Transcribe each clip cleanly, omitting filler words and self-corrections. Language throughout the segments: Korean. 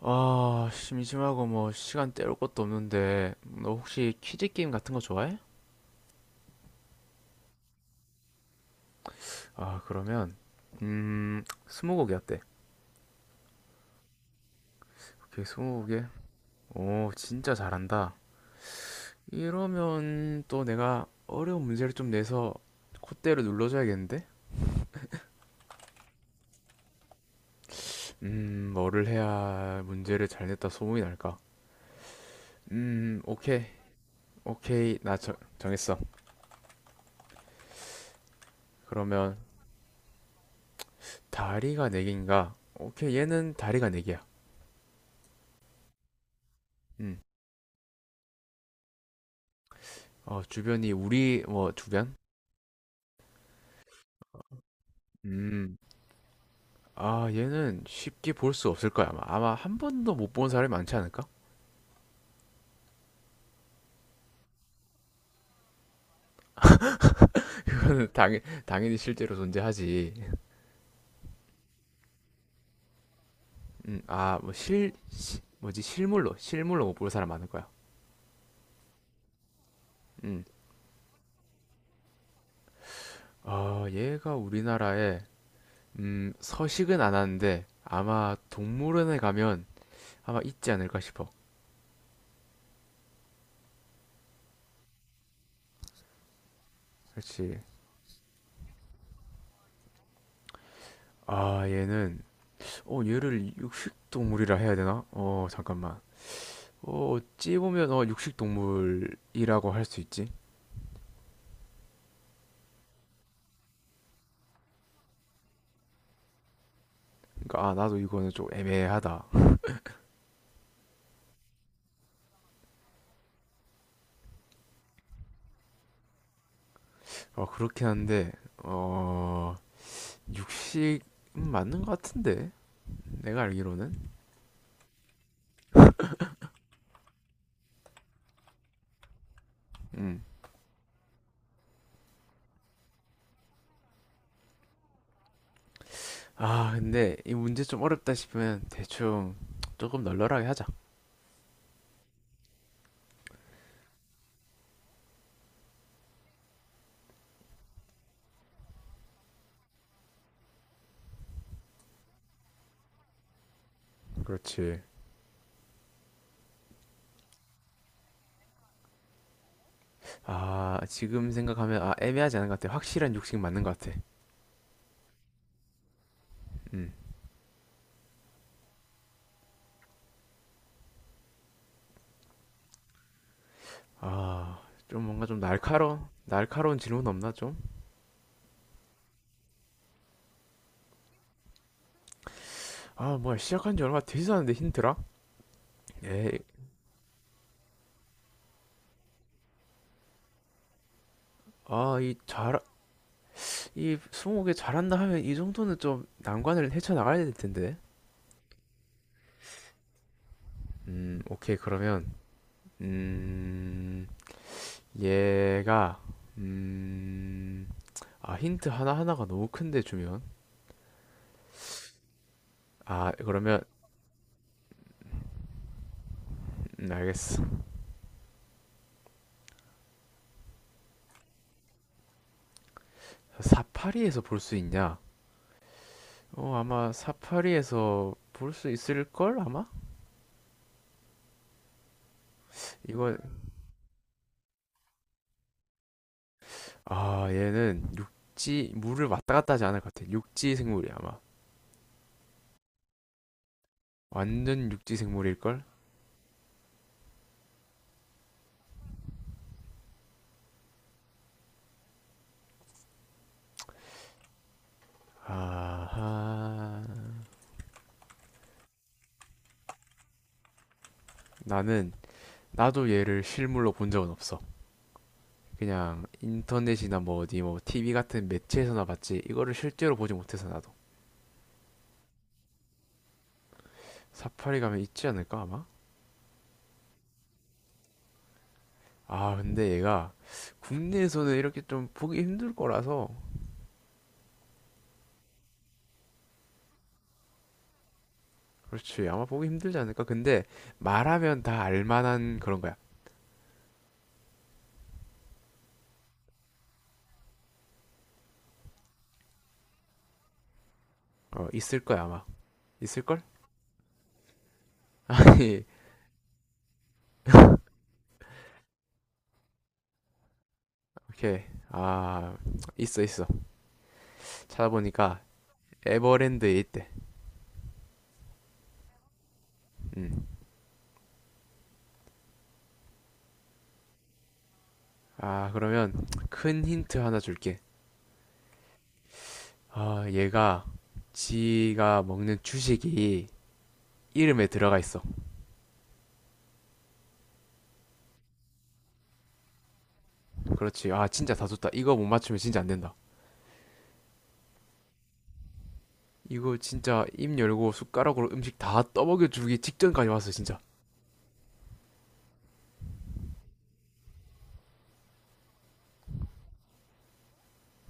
아, 심심하고 뭐 시간 때울 것도 없는데 너 혹시 퀴즈 게임 같은 거 좋아해? 아, 그러면 스무고개 어때? 오케이, 스무고개. 오, 진짜 잘한다. 이러면 또 내가 어려운 문제를 좀 내서 콧대를 눌러줘야겠는데? 뭐를 해야 문제를 잘 냈다 소문이 날까? 오케이. 오케이. 나 정했어. 그러면 다리가 네 개인가? 오케이, 얘는 다리가 네 개야. 음. 어, 주변이 우리 뭐 주변? 음. 아, 얘는 쉽게 볼 수 없을 거야, 아마. 아마 한 번도 못 본 사람이 많지 않을까? 그거는 당연히 실제로 존재하지. 아, 뭐 실, 뭐지, 실물로 못 볼 사람 많을 거야. 음. 아, 얘가 우리나라에, 서식은 안 하는데, 아마 동물원에 가면 아마 있지 않을까 싶어. 그렇지. 아, 얘는, 어, 얘를 육식동물이라 해야 되나? 어, 잠깐만. 어, 어찌 보면 어, 육식동물이라고 할 수 있지. 그러니까 아, 나도 이거는 좀 애매하다. 어, 그렇긴 한데 어, 육식 은 맞는 것 같은데 내가 알기로는. 음. 아, 근데 이 문제 좀 어렵다 싶으면 대충 조금 널널하게 하자. 그렇지. 아, 지금 생각하면 아, 애매하지 않은 것 같아. 확실한 육식 맞는 것 같아. 음. 아, 좀 뭔가 좀 날카로운 날카로운 질문 없나 좀? 아, 뭐야 시작한 지 얼마 되지도 않은데 힌트라? 에이, 아, 이 잘, 이 스무고개 잘한다 하면 이 정도는 좀 난관을 헤쳐나가야 될 텐데. 오케이, 그러면, 음, 얘가, 음, 아, 힌트 하나하나가 너무 큰데 주면. 아, 그러면, 알겠어. 사파리에서 볼 수 있냐? 어, 아마 사파리에서 볼 수 있을걸, 아마? 이거, 아, 얘는 육지, 물을 왔다 갔다 하지 않을 것 같아. 육지 생물이야, 아마. 완전 육지 생물일걸? 아하. 나는 나도 얘를 실물로 본 적은 없어. 그냥 인터넷이나 뭐 어디 뭐 TV 같은 매체에서나 봤지. 이거를 실제로 보지 못해서 나도. 사파리 가면 있지 않을까 아마? 아, 근데 얘가 국내에서는 이렇게 좀 보기 힘들 거라서 그렇지. 아마 보기 힘들지 않을까? 근데 말하면 다 알만한 그런 거야. 어, 있을 거야 아마. 있을걸? 아니, 오케이. 아, 있어 있어. 찾아보니까 에버랜드에 있대. 음. 아, 그러면 큰 힌트 하나 줄게. 아, 얘가 지가 먹는 주식이 이름에 들어가 있어. 그렇지. 아, 진짜 다 줬다. 이거 못 맞추면 진짜 안 된다. 이거 진짜 입 열고 숟가락으로 음식 다 떠먹여 주기 직전까지 왔어, 진짜.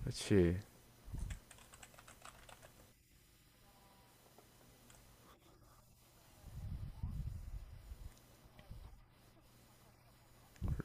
그렇지.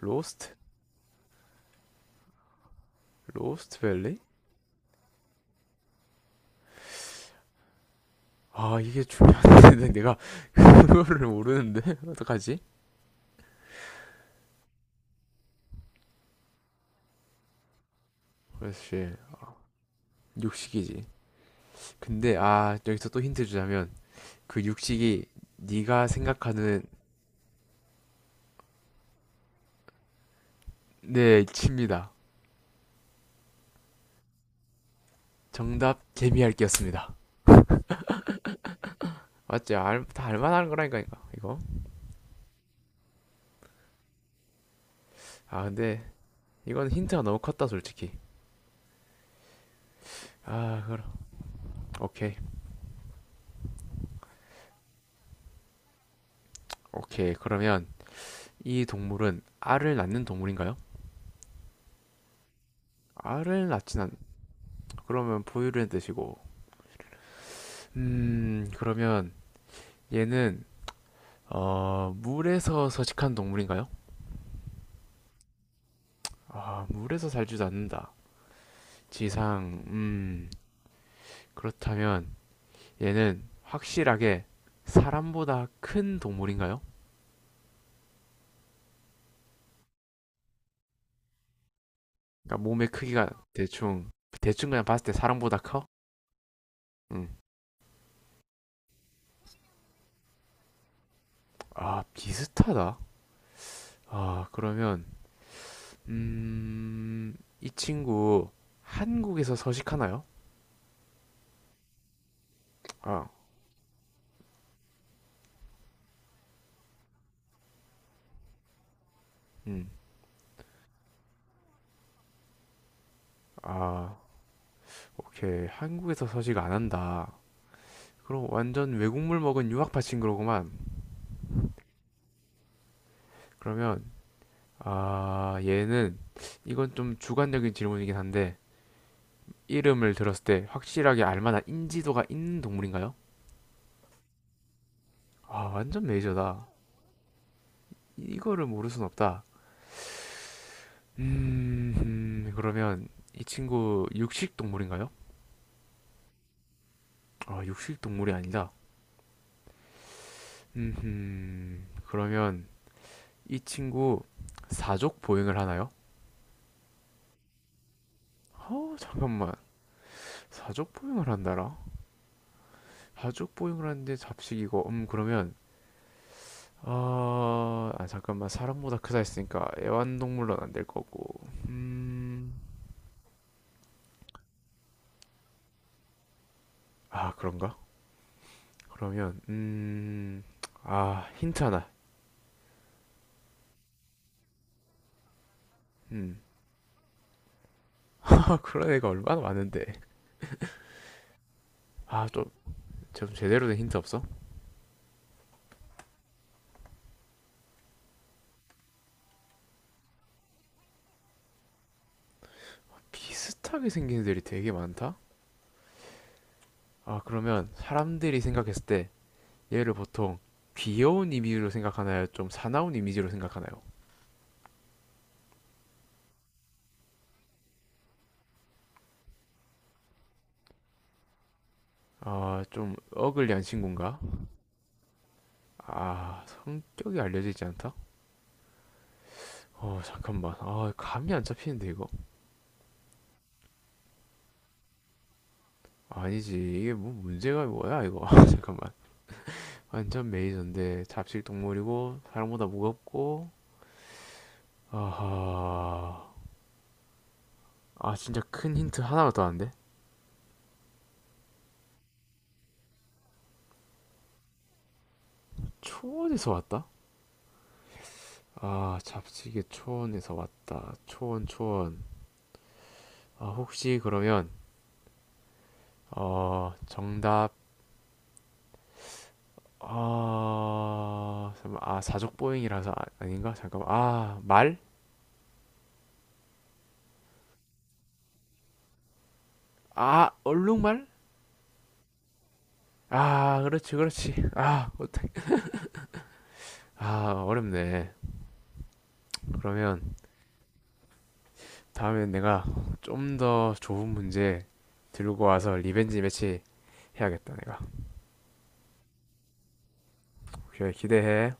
로스트? 로스트 밸리? 아, 이게 중요한데 내가 그거를 모르는데? 어떡하지? 그렇지. 육식이지. 근데 아, 여기서 또 힌트 주자면 그 육식이 네가 생각하는 네, 칩니다. 정답 개미핥기였습니다. 맞지? 알, 다 알만한 거라니까 이거. 이거. 아 근데 이건 힌트가 너무 컸다 솔직히. 아 그럼 오케이 오케이 그러면 이 동물은 알을 낳는 동물인가요? 알을 낳진 않. 그러면 포유류의 뜻이고. 그러면 얘는 어 물에서 서식한 동물인가요? 아 물에서 살지도 않는다. 지상 그렇다면 얘는 확실하게 사람보다 큰 동물인가요? 그러니까 몸의 크기가 대충 대충 그냥 봤을 때 사람보다 커? 응. 아 비슷하다. 아 그러면 음, 이 친구 한국에서 서식하나요? 아, 음, 아, 오케이. 한국에서 서식 안 한다. 그럼 완전 외국물 먹은 유학파 친구로구만. 그러면 아 얘는 이건 좀 주관적인 질문이긴 한데 이름을 들었을 때 확실하게 알 만한 인지도가 있는 동물인가요? 아 완전 메이저다. 이거를 모를 순 없다. 그러면 이 친구 육식 동물인가요? 아, 육식 동물이 아니다. 그러면 이 친구 사족 보행을 하나요? 어, 잠깐만. 사족 보행을 한다라? 사족 보행을 하는데 잡식이고, 그러면, 아, 아, 잠깐만. 사람보다 크다 했으니까 애완동물로는 안 될 거고. 아, 그런가? 그러면, 아, 힌트 하나. 음, 아, 그런 애가 얼마나 많은데. 아, 좀, 좀 제대로 된 힌트 없어? 비슷하게 생긴 애들이 되게 많다? 아, 그러면 사람들이 생각했을 때 얘를 보통 귀여운 이미지로 생각하나요? 좀 사나운 이미지로 생각하나요? 아, 좀 어글리한 친구인가? 아, 성격이 알려져 있지 않다? 어, 잠깐만. 아, 감이 안 잡히는데, 이거. 아니지. 이게 뭐 문제가 뭐야, 이거. 아, 잠깐만. 완전 메이저인데 잡식 동물이고 사람보다 무겁고 아하 아 진짜 큰 힌트 하나가 더 왔는데 초원에서 왔다? 아, 잡지게 초원에서 왔다. 초원, 초원. 아, 혹시 그러면, 어, 정답, 아, 잠깐만. 아, 사족보행이라서 아, 닌가 잠깐만. 아, 말? 아, 얼룩말? 아, 그렇지, 그렇지. 아, 어떡해. 아, 어렵네. 그러면 다음에 내가 좀 더 좋은 문제 들고 와서 리벤지 매치 해야겠다, 내가. 오케이, 기대해.